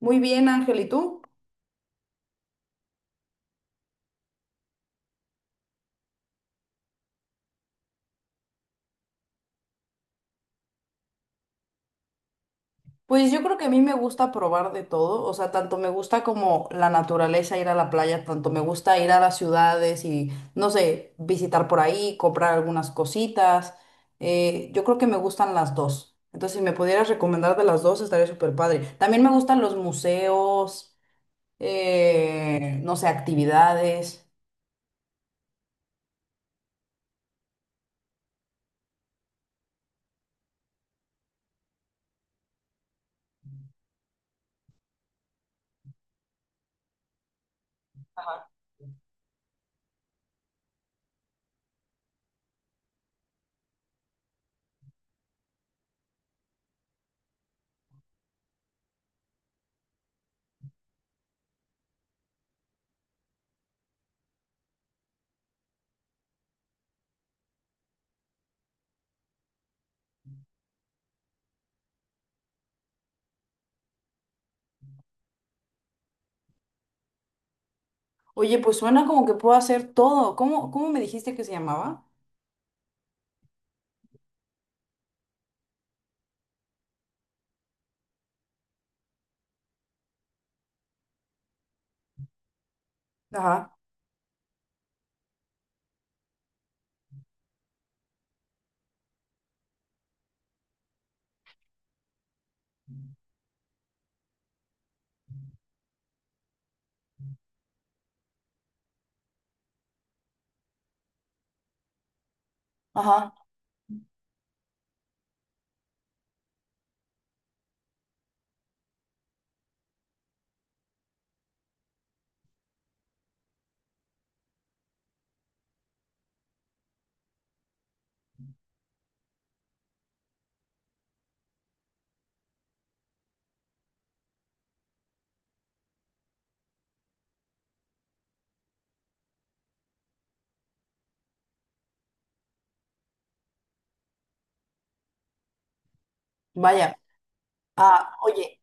Muy bien, Ángel, ¿y tú? Pues yo creo que a mí me gusta probar de todo, o sea, tanto me gusta como la naturaleza, ir a la playa, tanto me gusta ir a las ciudades y, no sé, visitar por ahí, comprar algunas cositas. Yo creo que me gustan las dos. Entonces, si me pudieras recomendar de las dos, estaría súper padre. También me gustan los museos, no sé, actividades. Oye, pues suena como que puedo hacer todo. ¿Cómo me dijiste que se llamaba? Ajá, ajá. Vaya. Ah, oye.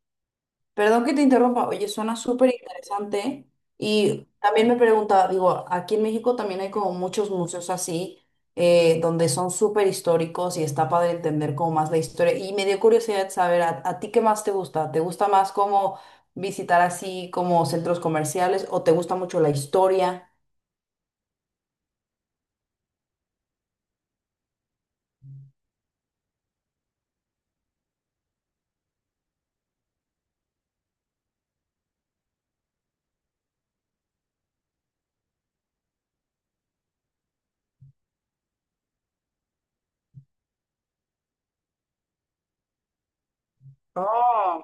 Perdón que te interrumpa, oye, suena súper interesante. Y también me preguntaba, digo, aquí en México también hay como muchos museos así, donde son súper históricos y está padre entender como más la historia. Y me dio curiosidad saber, ¿a ti qué más te gusta? ¿Te gusta más como visitar así como centros comerciales o te gusta mucho la historia? Oh,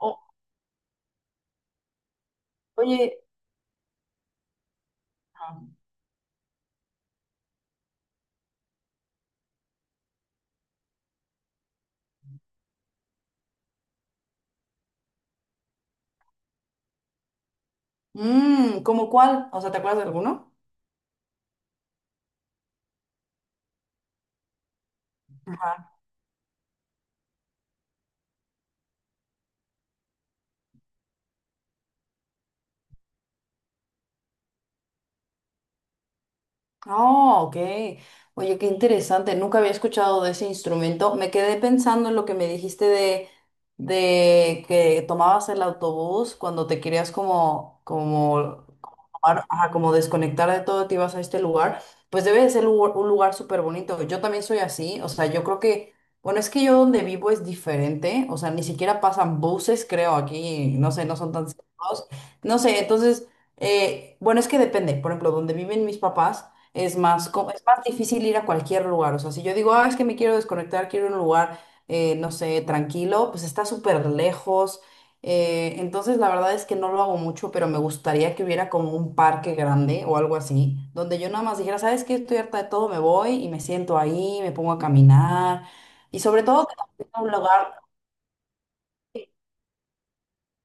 o- oye, ah, ¿cómo cuál? O sea, ¿te acuerdas de alguno? Oh, ok. Oye, qué interesante. Nunca había escuchado de ese instrumento. Me quedé pensando en lo que me dijiste de que tomabas el autobús cuando te querías como, ajá, como desconectar de todo, te ibas a este lugar. Pues debe de ser un lugar súper bonito. Yo también soy así. O sea, yo creo que, bueno, es que yo donde vivo es diferente. O sea, ni siquiera pasan buses, creo, aquí. No sé, no son tan cerrados. No sé, entonces, bueno, es que depende. Por ejemplo, donde viven mis papás. Es más, es más difícil ir a cualquier lugar. O sea, si yo digo, ah, es que me quiero desconectar, quiero un lugar, no sé, tranquilo, pues está súper lejos. Entonces, la verdad es que no lo hago mucho, pero me gustaría que hubiera como un parque grande o algo así, donde yo nada más dijera, ¿sabes qué? Estoy harta de todo, me voy y me siento ahí, me pongo a caminar. Y sobre todo, que también sea un lugar.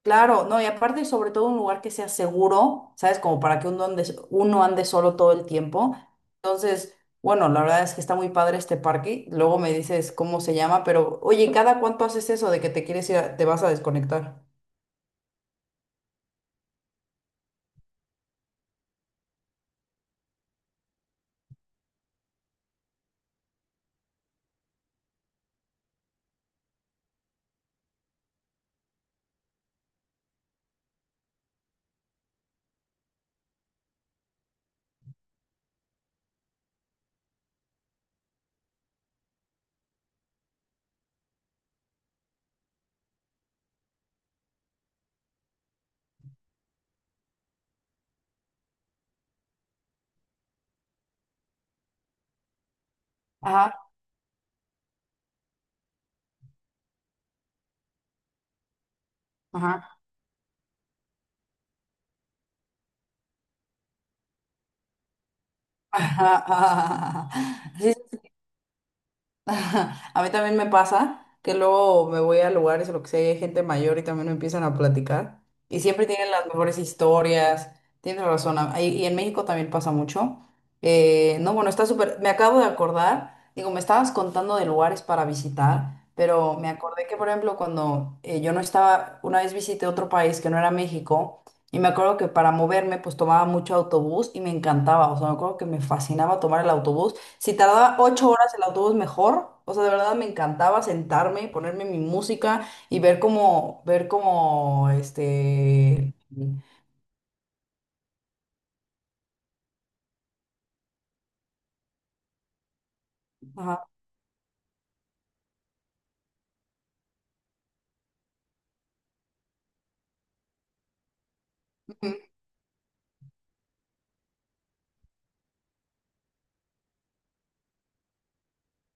Claro, no, y aparte sobre todo un lugar que sea seguro, ¿sabes? Como para que uno ande solo todo el tiempo. Entonces, bueno, la verdad es que está muy padre este parque. Luego me dices cómo se llama, pero oye, ¿cada cuánto haces eso de que te quieres ir, te vas a desconectar? Ajá, ajá. Ajá, ajá, sí. A mí también me pasa que luego me voy a lugares o lo que sea, y hay gente mayor y también me empiezan a platicar. Y siempre tienen las mejores historias. Tienes razón. Y en México también pasa mucho. No, bueno, está súper. Me acabo de acordar. Digo, me estabas contando de lugares para visitar, pero me acordé que, por ejemplo, cuando yo no estaba, una vez visité otro país que no era México, y me acuerdo que para moverme, pues tomaba mucho autobús y me encantaba. O sea, me acuerdo que me fascinaba tomar el autobús. Si tardaba 8 horas el autobús, mejor. O sea, de verdad me encantaba sentarme, ponerme mi música y ver cómo. Ajá. Ujú.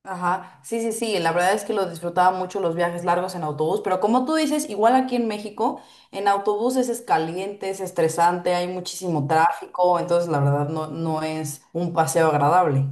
Ajá. Sí, sí, sí. La verdad es que lo disfrutaba mucho los viajes largos en autobús, pero como tú dices, igual aquí en México, en autobuses es caliente, es estresante, hay muchísimo tráfico, entonces la verdad no, no es un paseo agradable.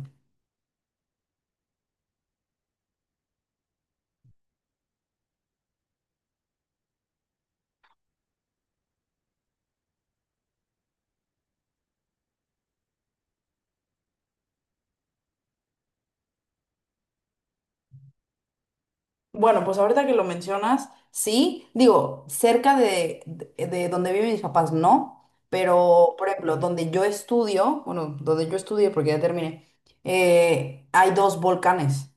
Bueno, pues ahorita que lo mencionas, sí, digo, cerca de donde viven mis papás, no, pero por ejemplo, donde yo estudio, bueno, donde yo estudié porque ya terminé, hay dos volcanes.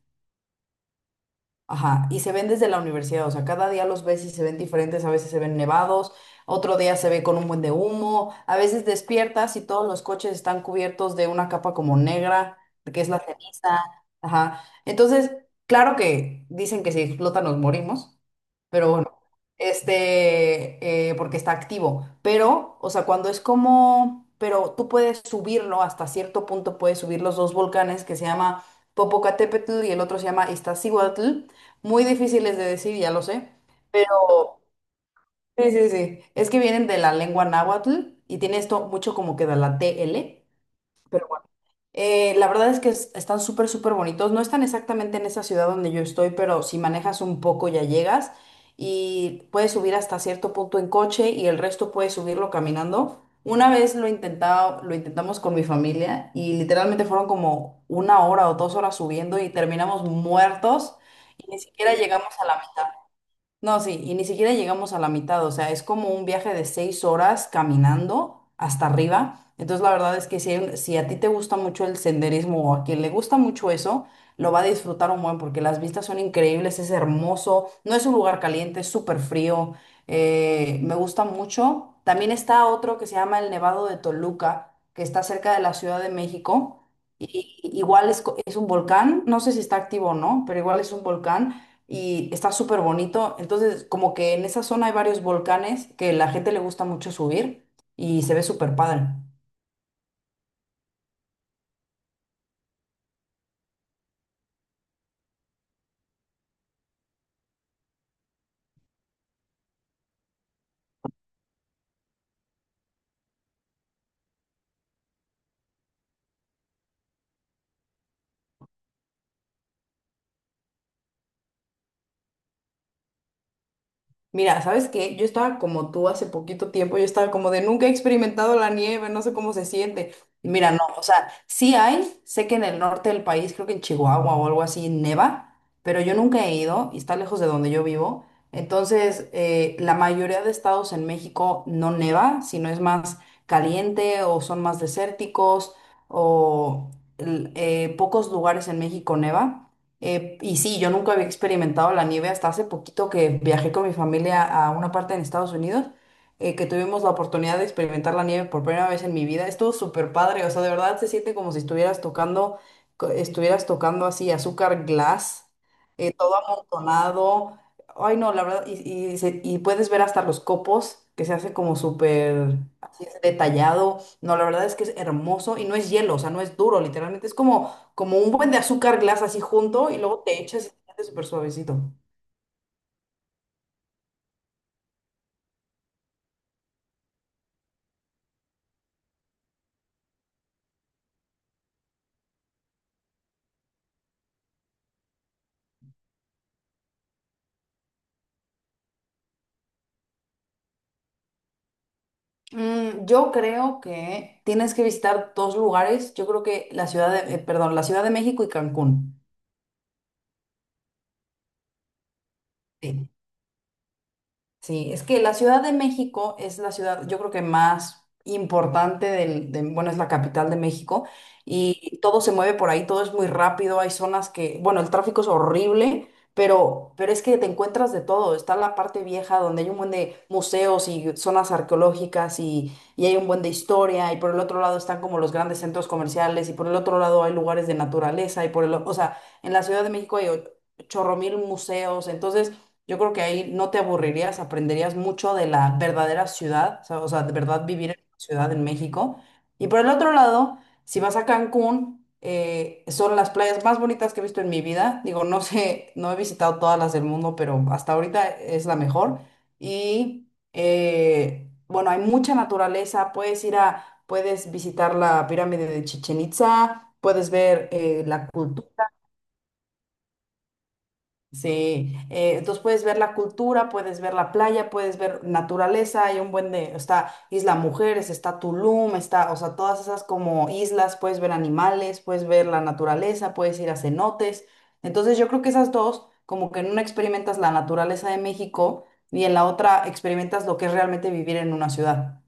Ajá, y se ven desde la universidad, o sea, cada día los ves y se ven diferentes, a veces se ven nevados, otro día se ve con un buen de humo, a veces despiertas y todos los coches están cubiertos de una capa como negra, que es la ceniza, ajá. Entonces, claro que dicen que si explota nos morimos, pero bueno, porque está activo, pero, o sea, cuando es como, pero tú puedes subirlo, hasta cierto punto puedes subir los dos volcanes que se llama... Popocatépetl y el otro se llama Iztaccíhuatl, muy difíciles de decir, ya lo sé, pero sí, sí, sí, es que vienen de la lengua náhuatl y tiene esto mucho como que de la TL, pero bueno, la verdad es que están súper, súper bonitos, no están exactamente en esa ciudad donde yo estoy, pero si manejas un poco ya llegas y puedes subir hasta cierto punto en coche y el resto puedes subirlo caminando. Una vez lo intentaba, lo intentamos con mi familia y literalmente fueron como 1 hora o 2 horas subiendo y terminamos muertos y ni siquiera llegamos a la mitad. No, sí, y ni siquiera llegamos a la mitad, o sea, es como un viaje de 6 horas caminando hasta arriba. Entonces, la verdad es que si, si a ti te gusta mucho el senderismo o a quien le gusta mucho eso, lo va a disfrutar un buen porque las vistas son increíbles, es hermoso, no es un lugar caliente, es súper frío, me gusta mucho. También está otro que se llama el Nevado de Toluca, que está cerca de la Ciudad de México. Y igual es un volcán, no sé si está activo o no, pero igual es un volcán y está súper bonito. Entonces, como que en esa zona hay varios volcanes que la gente le gusta mucho subir y se ve súper padre. Mira, ¿sabes qué? Yo estaba como tú hace poquito tiempo, yo estaba como de nunca he experimentado la nieve, no sé cómo se siente. Y mira, no, o sea, sí hay, sé que en el norte del país, creo que en Chihuahua o algo así, neva, pero yo nunca he ido y está lejos de donde yo vivo. Entonces, la mayoría de estados en México no neva, sino es más caliente o son más desérticos o pocos lugares en México neva. Y sí, yo nunca había experimentado la nieve hasta hace poquito que viajé con mi familia a una parte en Estados Unidos, que tuvimos la oportunidad de experimentar la nieve por primera vez en mi vida. Estuvo súper padre, o sea, de verdad se siente como si estuvieras tocando, estuvieras tocando así azúcar glass, todo amontonado. Ay, no, la verdad, y puedes ver hasta los copos, que se hace como súper así detallado. No, la verdad es que es hermoso y no es hielo, o sea, no es duro, literalmente es como un buen de azúcar glass así junto y luego te echas y te hace súper suavecito. Yo creo que tienes que visitar dos lugares. Yo creo que la ciudad de, perdón, la Ciudad de México y Cancún. Sí. Sí, es que la Ciudad de México es la ciudad, yo creo que más importante del, bueno, es la capital de México y todo se mueve por ahí, todo es muy rápido, hay zonas que, bueno, el tráfico es horrible, pero es que te encuentras de todo. Está la parte vieja donde hay un buen de museos y zonas arqueológicas y hay un buen de historia y por el otro lado están como los grandes centros comerciales y por el otro lado hay lugares de naturaleza y por el, o sea, en la Ciudad de México hay chorro mil museos, entonces yo creo que ahí no te aburrirías, aprenderías mucho de la verdadera ciudad, o sea, de verdad vivir en una ciudad en México. Y por el otro lado, si vas a Cancún, son las playas más bonitas que he visto en mi vida. Digo, no sé, no he visitado todas las del mundo, pero hasta ahorita es la mejor. Y bueno, hay mucha naturaleza, puedes ir a, puedes visitar la pirámide de Chichen Itza, puedes ver la cultura. Sí, entonces puedes ver la cultura, puedes ver la playa, puedes ver naturaleza, hay un buen de, está Isla Mujeres, está Tulum, está, o sea, todas esas como islas, puedes ver animales, puedes ver la naturaleza, puedes ir a cenotes. Entonces yo creo que esas dos, como que en una experimentas la naturaleza de México y en la otra experimentas lo que es realmente vivir en una ciudad.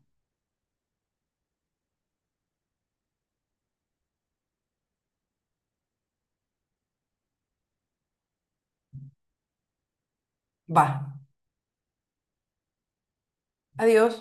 Va, adiós.